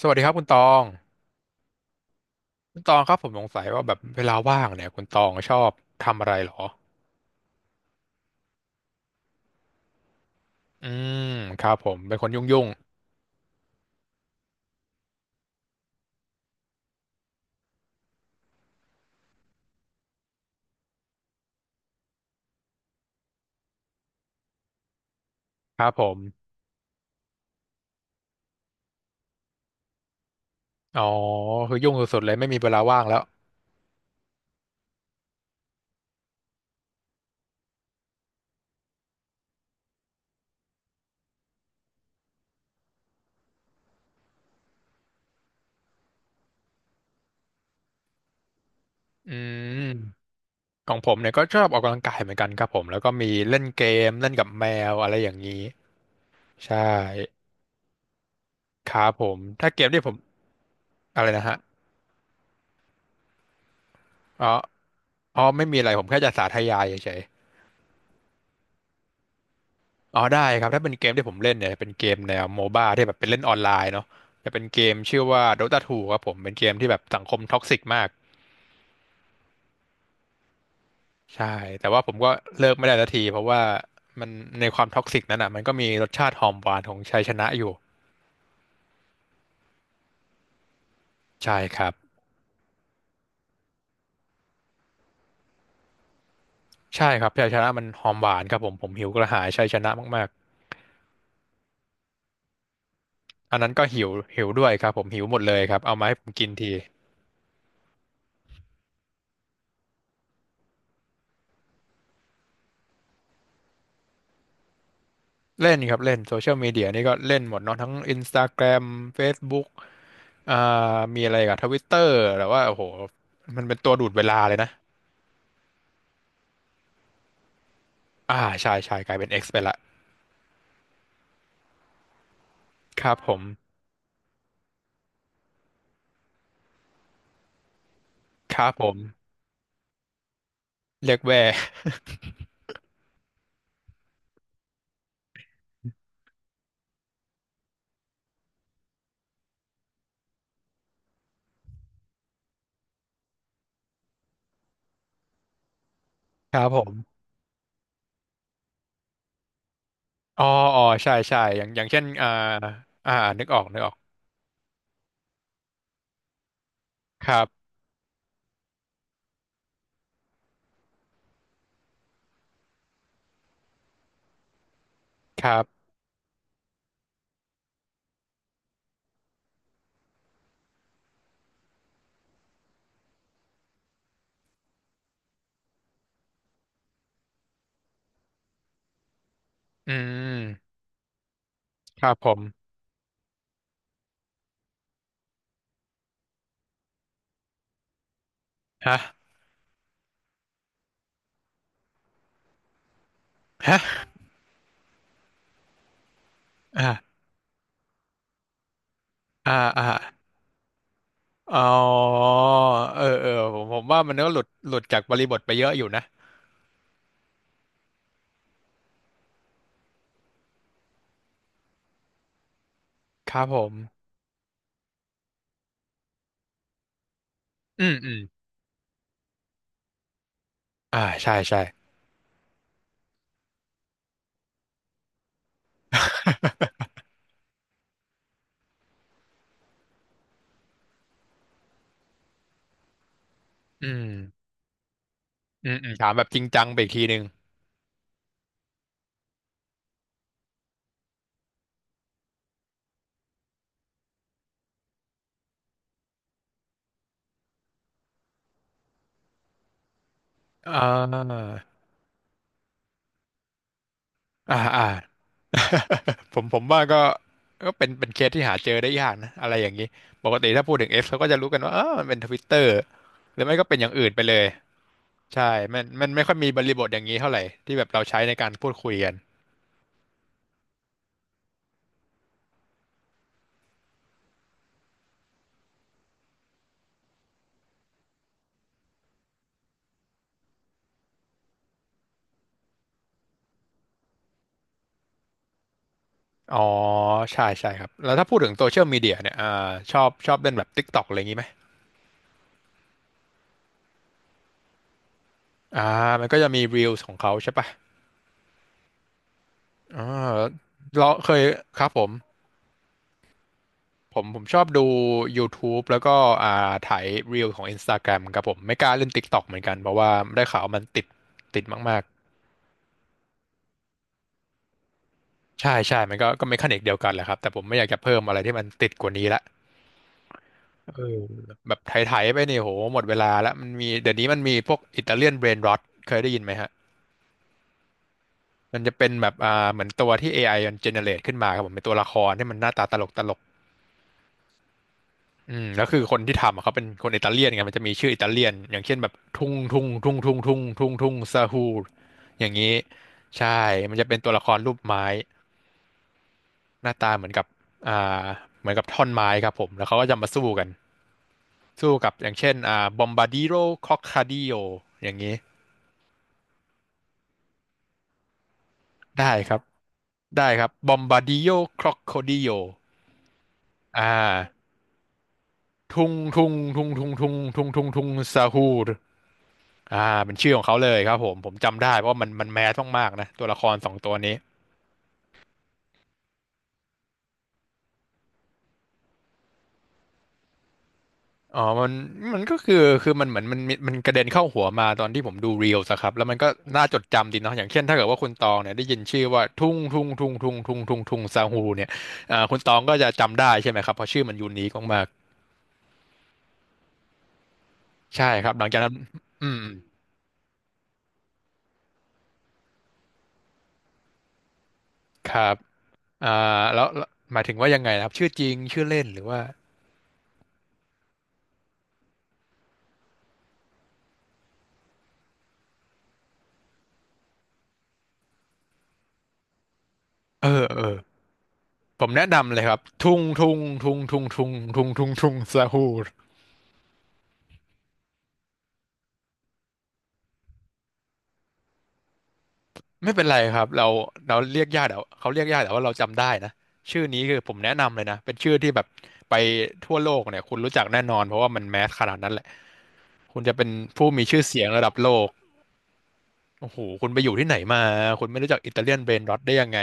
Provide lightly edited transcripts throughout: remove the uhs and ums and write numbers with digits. สวัสดีครับคุณตองคุณตองครับผมสงสัยว่าแบบเวลาว่างเนี่ยคุณตองชอบทำอะไรเหรออืมครับผมเป็นคนยุ่งยุ่งครับผมอ๋อคือยุ่งสุดๆเลยไม่มีเวลาว่างแล้วอืมของผมเนี่ยก็ชอบออกกำลังกายเหมือนกันครับผมแล้วก็มีเล่นเกมเล่นกับแมวอะไรอย่างนี้ใช่ครับผมถ้าเกมที่ผมอะไรนะฮะอ๋ออ๋อไม่มีอะไรผมแค่จะสาธยายเฉย อ๋อได้ครับถ้าเป็นเกมที่ผมเล่นเนี่ยเป็นเกมแนวโมบ้าที่แบบเป็นเล่นออนไลน์เนาะจะเป็นเกมชื่อว่า Dota 2ครับผมเป็นเกมที่แบบสังคมท็อกซิกมากใช่แต่ว่าผมก็เลิกไม่ได้สักทีเพราะว่ามันในความท็อกซิกนั้นอ่ะมันก็มีรสชาติหอมหวานของชัยชนะอยู่ใช่ครับใช่ครับชัยชนะมันหอมหวานครับผมผมหิวกระหายชัยชนะมากๆอันนั้นก็หิวหิวด้วยครับผมหิวหมดเลยครับเอามาให้ผมกินที เล่นครับเล่นโซเชียลมีเดียนี่ก็เล่นหมดเนาะทั้ง Instagram Facebook อ่ามีอะไรกับทวิตเตอร์แต่ว่าโอ้โหมันเป็นตัวดูดเวลาเลยนะอ่าใช่ใช่กลายเป็น X ไปละครับผมครับผมเรียกแว่ ครับผมอ๋ออ๋อใช่ใช่อย่างเช่นอ่าอ่านึกออกนึกออกครับครับอืมครับผมฮะฮะอ่าอ่าอ่าอ๋อเออเออผมว่ามันก็หลุดจากบริบทไปเยอะอยู่นะครับผม อืมอืมอ่าใช่ใช่ อืมอืมอืมถามแบบจริงจังไปอีกทีหนึ่งอ่าอ่าอ่า ผมว่าก็เป็นเคสที่หาเจอได้ยากนะอะไรอย่างนี้ปกติถ้าพูดถึง X เขาก็จะรู้กันว่าเออมันเป็นทวิตเตอร์หรือไม่ก็เป็นอย่างอื่นไปเลยใช่มันไม่ค่อยมีบริบทอย่างนี้เท่าไหร่ที่แบบเราใช้ในการพูดคุยกันอ๋อใช่ใช่ครับแล้วถ้าพูดถึงโซเชียลมีเดียเนี่ยชอบเล่นแบบ TikTok อะไรอย่างนี้ไหมอ่ามันก็จะมี Reels ของเขาใช่ปะ อ่าเราเคยครับผมชอบดู YouTube แล้วก็อ่าถ่ายรีลของ Instagram ครับผมไม่กล้าเล่น TikTok เหมือนกันเพราะว่าได้ข่าวมันติดมากๆใช่ใช่มันก็เมคานิกเดียวกันแหละครับแต่ผมไม่อยากจะเพิ่มอะไรที่มันติดกว่านี้ละเออแบบไถๆไปเนี่ยโหหมดเวลาแล้วมันมีเดี๋ยวนี้มันมีพวกอิตาเลียนเบรนรอทเคยได้ยินไหมฮะมันจะเป็นแบบเหมือนตัวที่AIมันเจเนเรตขึ้นมาครับผมเป็นตัวละครที่มันหน้าตาตลกตลก อืมแล้วคือคนที่ทำอะเขาเป็นคนอิตาเลียนไงมันจะมีชื่ออิตาเลียนอย่างเช่นแบบทุ่งทุ่งทุ่งทุ่งทุ่งทุ่งทุ่งซาฮูอย่างนี้ใช่มันจะเป็นตัวละครรูปไม้หน้าตาเหมือนกับอ่าเหมือนกับท่อนไม้ครับผมแล้วเขาก็จะมาสู้กันสู้กับอย่างเช่นบอมบาดิโรครอคคาดิโออย่างนี้ได้ครับได้ครับบอมบาดิโอครอคโคดิโออ่าทุ่งทุ่งทุ่งทุ่งทุ่งทุ่งทุ่งทุ่งซาฮู อ่าเป็นชื่อของเขาเลยครับผมจำได้เพราะว่ามันแมสมากๆนะตัวละครสองตัวนี้อ๋อมันก็คือมันเหมือนมันกระเด็นเข้าหัวมาตอนที่ผมดูเรียลสครับแล้วมันก็น่าจดจำดีเนาะอย่างเช่นถ้าเกิดว่าคุณตองเนี่ยได้ยินชื่อว่าทุ่งทุ่งทุ่งทุ่งทุ่งทุ่งทุ่งซาฮูเนี่ยคุณตองก็จะจำได้ใช่ไหมครับเพราะชื่อมันยูนิคมากๆใช่ครับหลังจากนั้นอืมครับอ่าแล้วหมายถึงว่ายังไงนะครับชื่อจริงชื่อเล่นหรือว่าเออเออ ผมแนะนำเลยครับทุงทุงทุงทุงทุงทุงทุงทุงซาฮูรไม่เป็นไรครับเราเรียกยากแต่ว่าเขาเรียกยากแต่ว่าเราจำได้นะชื่อนี้คือผมแนะนำเลยนะเป็นชื่อที่แบบไปทั่วโลกเนี่ยคุณรู้จักแน่นอนเพราะว่ามันแมสขนาดนั้นแหละคุณจะเป็นผู้มีชื่อเสียงระดับโลกโอ้โหคุณไปอยู่ที่ไหนมาคุณไม่รู้จักอิตาเลียนเบรนร็อตได้ยังไง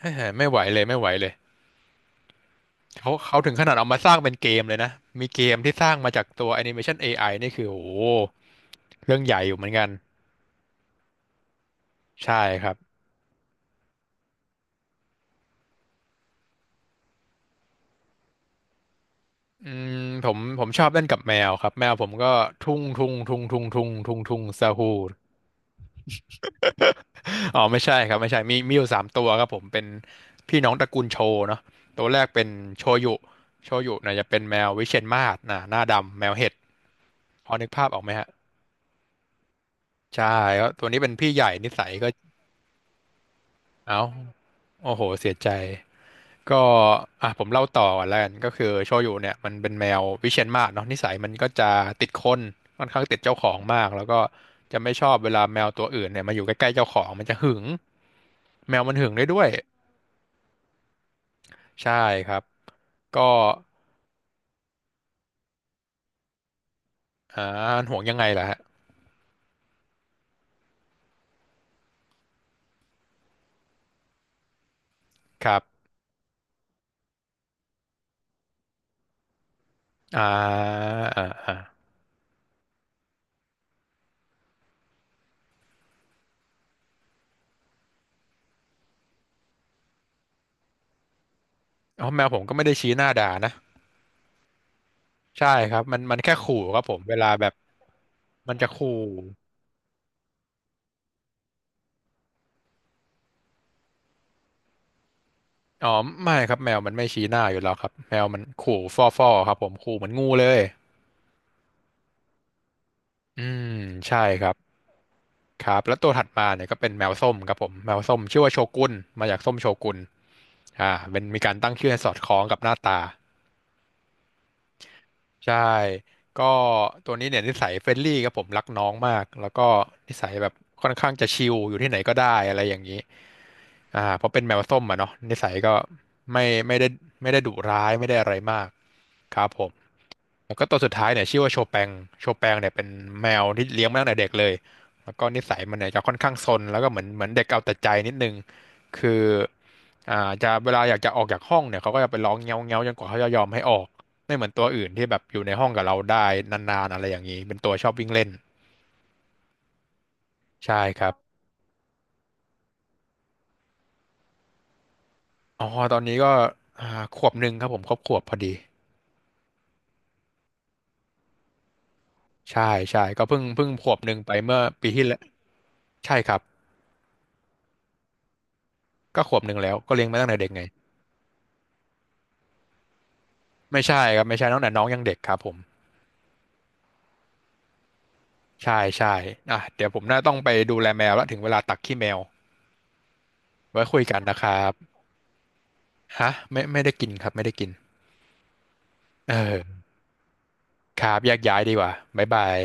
เฮ้ยไม่ไหวเลยไม่ไหวเลยเขาถึงขนาดเอามาสร้างเป็นเกมเลยนะมีเกมที่สร้างมาจากตัวแอนิเมชันเอไอนี่คือโอ้โหเรื่องใหญ่อยู่เหมือนกันใช่ครับ อืมผมชอบเล่นกับแมวครับแมวผมก็ทุ่งทุ่งทุ่งทุ่งทุ่งทุ่งทุ่งซาฮูอ๋อไม่ใช่ครับไม่ใช่มีอยู่สามตัวครับผมเป็นพี่น้องตระกูลโชเนาะตัวแรกเป็นโชยุโชยุเนี่ยจะเป็นแมววิเชียรมาศนะหน้าดำแมวเห็ดพอนึกภาพออกไหมฮะใช่แล้วตัวนี้เป็นพี่ใหญ่นิสัยก็เอ้าโอ้โหเสียใจ ก็อ่ะผมเล่าต่อก่อนแล้วกันก็คือโชยุเนี่ยมันเป็นแมววิเชียรมาศเนาะนิสัยมันก็จะติดคนค่อนข้างติดเจ้าของมากแล้วก็จะไม่ชอบเวลาแมวตัวอื่นเนี่ยมาอยู่ใกล้ๆเจ้าของมันจะหึงแมวมันหึงได้ด้วยใช่ครับก็อ่าห่วงยังไงล่ะฮะครับอ่าอ่าอ่าอ๋อแมวผมก็ไม่ได้ชี้หน้าด่านะใช่ครับมันแค่ขู่ครับผมเวลาแบบมันจะขู่อ๋อไม่ครับแมวมันไม่ชี้หน้าอยู่แล้วครับแมวมันขู่ฟ่อๆครับผมขู่เหมือนงูเลย อืมใช่ครับครับแล้วตัวถัดมาเนี่ยก็เป็นแมวส้มครับผมแมวส้มชื่อว่าโชกุนมาจากส้มโชกุนอ่าเป็นมีการตั้งชื่อให้สอดคล้องกับหน้าตาใช่ก็ตัวนี้เนี่ยนิสัยเฟรนลี่ครับผมรักน้องมากแล้วก็นิสัยแบบค่อนข้างจะชิลอยู่ที่ไหนก็ได้อะไรอย่างนี้อ่าเพราะเป็นแมวส้มอ่ะเนาะนิสัยก็ไม่ไม่ได้ไม่ได้ดุร้ายไม่ได้อะไรมากครับผม แล้วก็ตัวสุดท้ายเนี่ยชื่อว่าโชแปงโชแปงเนี่ยเป็นแมวที่เลี้ยงมาตั้งแต่เด็กเลยแล้วก็นิสัยมันเนี่ยจะค่อนข้างซนแล้วก็เหมือนเด็กเอาแต่ใจนิดนึง คืออ่าจะเวลาอยากจะออกจากห้องเนี่ยเขาก็จะไปร้องเงี้ยวเงี้ยวจนกว่าเขาจะยอมให้ออกไม่เหมือนตัวอื่นที่แบบอยู่ในห้องกับเราได้นานๆอะไรอย่างนี้เป็นตัวชอบวิ่งเล่นใช่ครับอ๋อตอนนี้ก็อ่าขวบหนึ่งครับผมครบขวบพอดีใช่ใช่ก็เพิ่งขวบหนึ่งไปเมื่อปีที่แล้วใช่ครับก็ขวบหนึ่งแล้วก็เลี้ยงมาตั้งแต่เด็กไง ไม่ใช่ครับไม่ใช่ตั้งแต่น้องยังเด็กครับผมใช่ใช่อ่ะเดี๋ยวผมน่าต้องไปดูแลแมวแล้วถึงเวลาตักขี้แมวไว้คุยกันนะครับฮะไม่ได้กินครับไม่ได้กินเออครับแยกย้ายดีกว่าบ๊ายบาย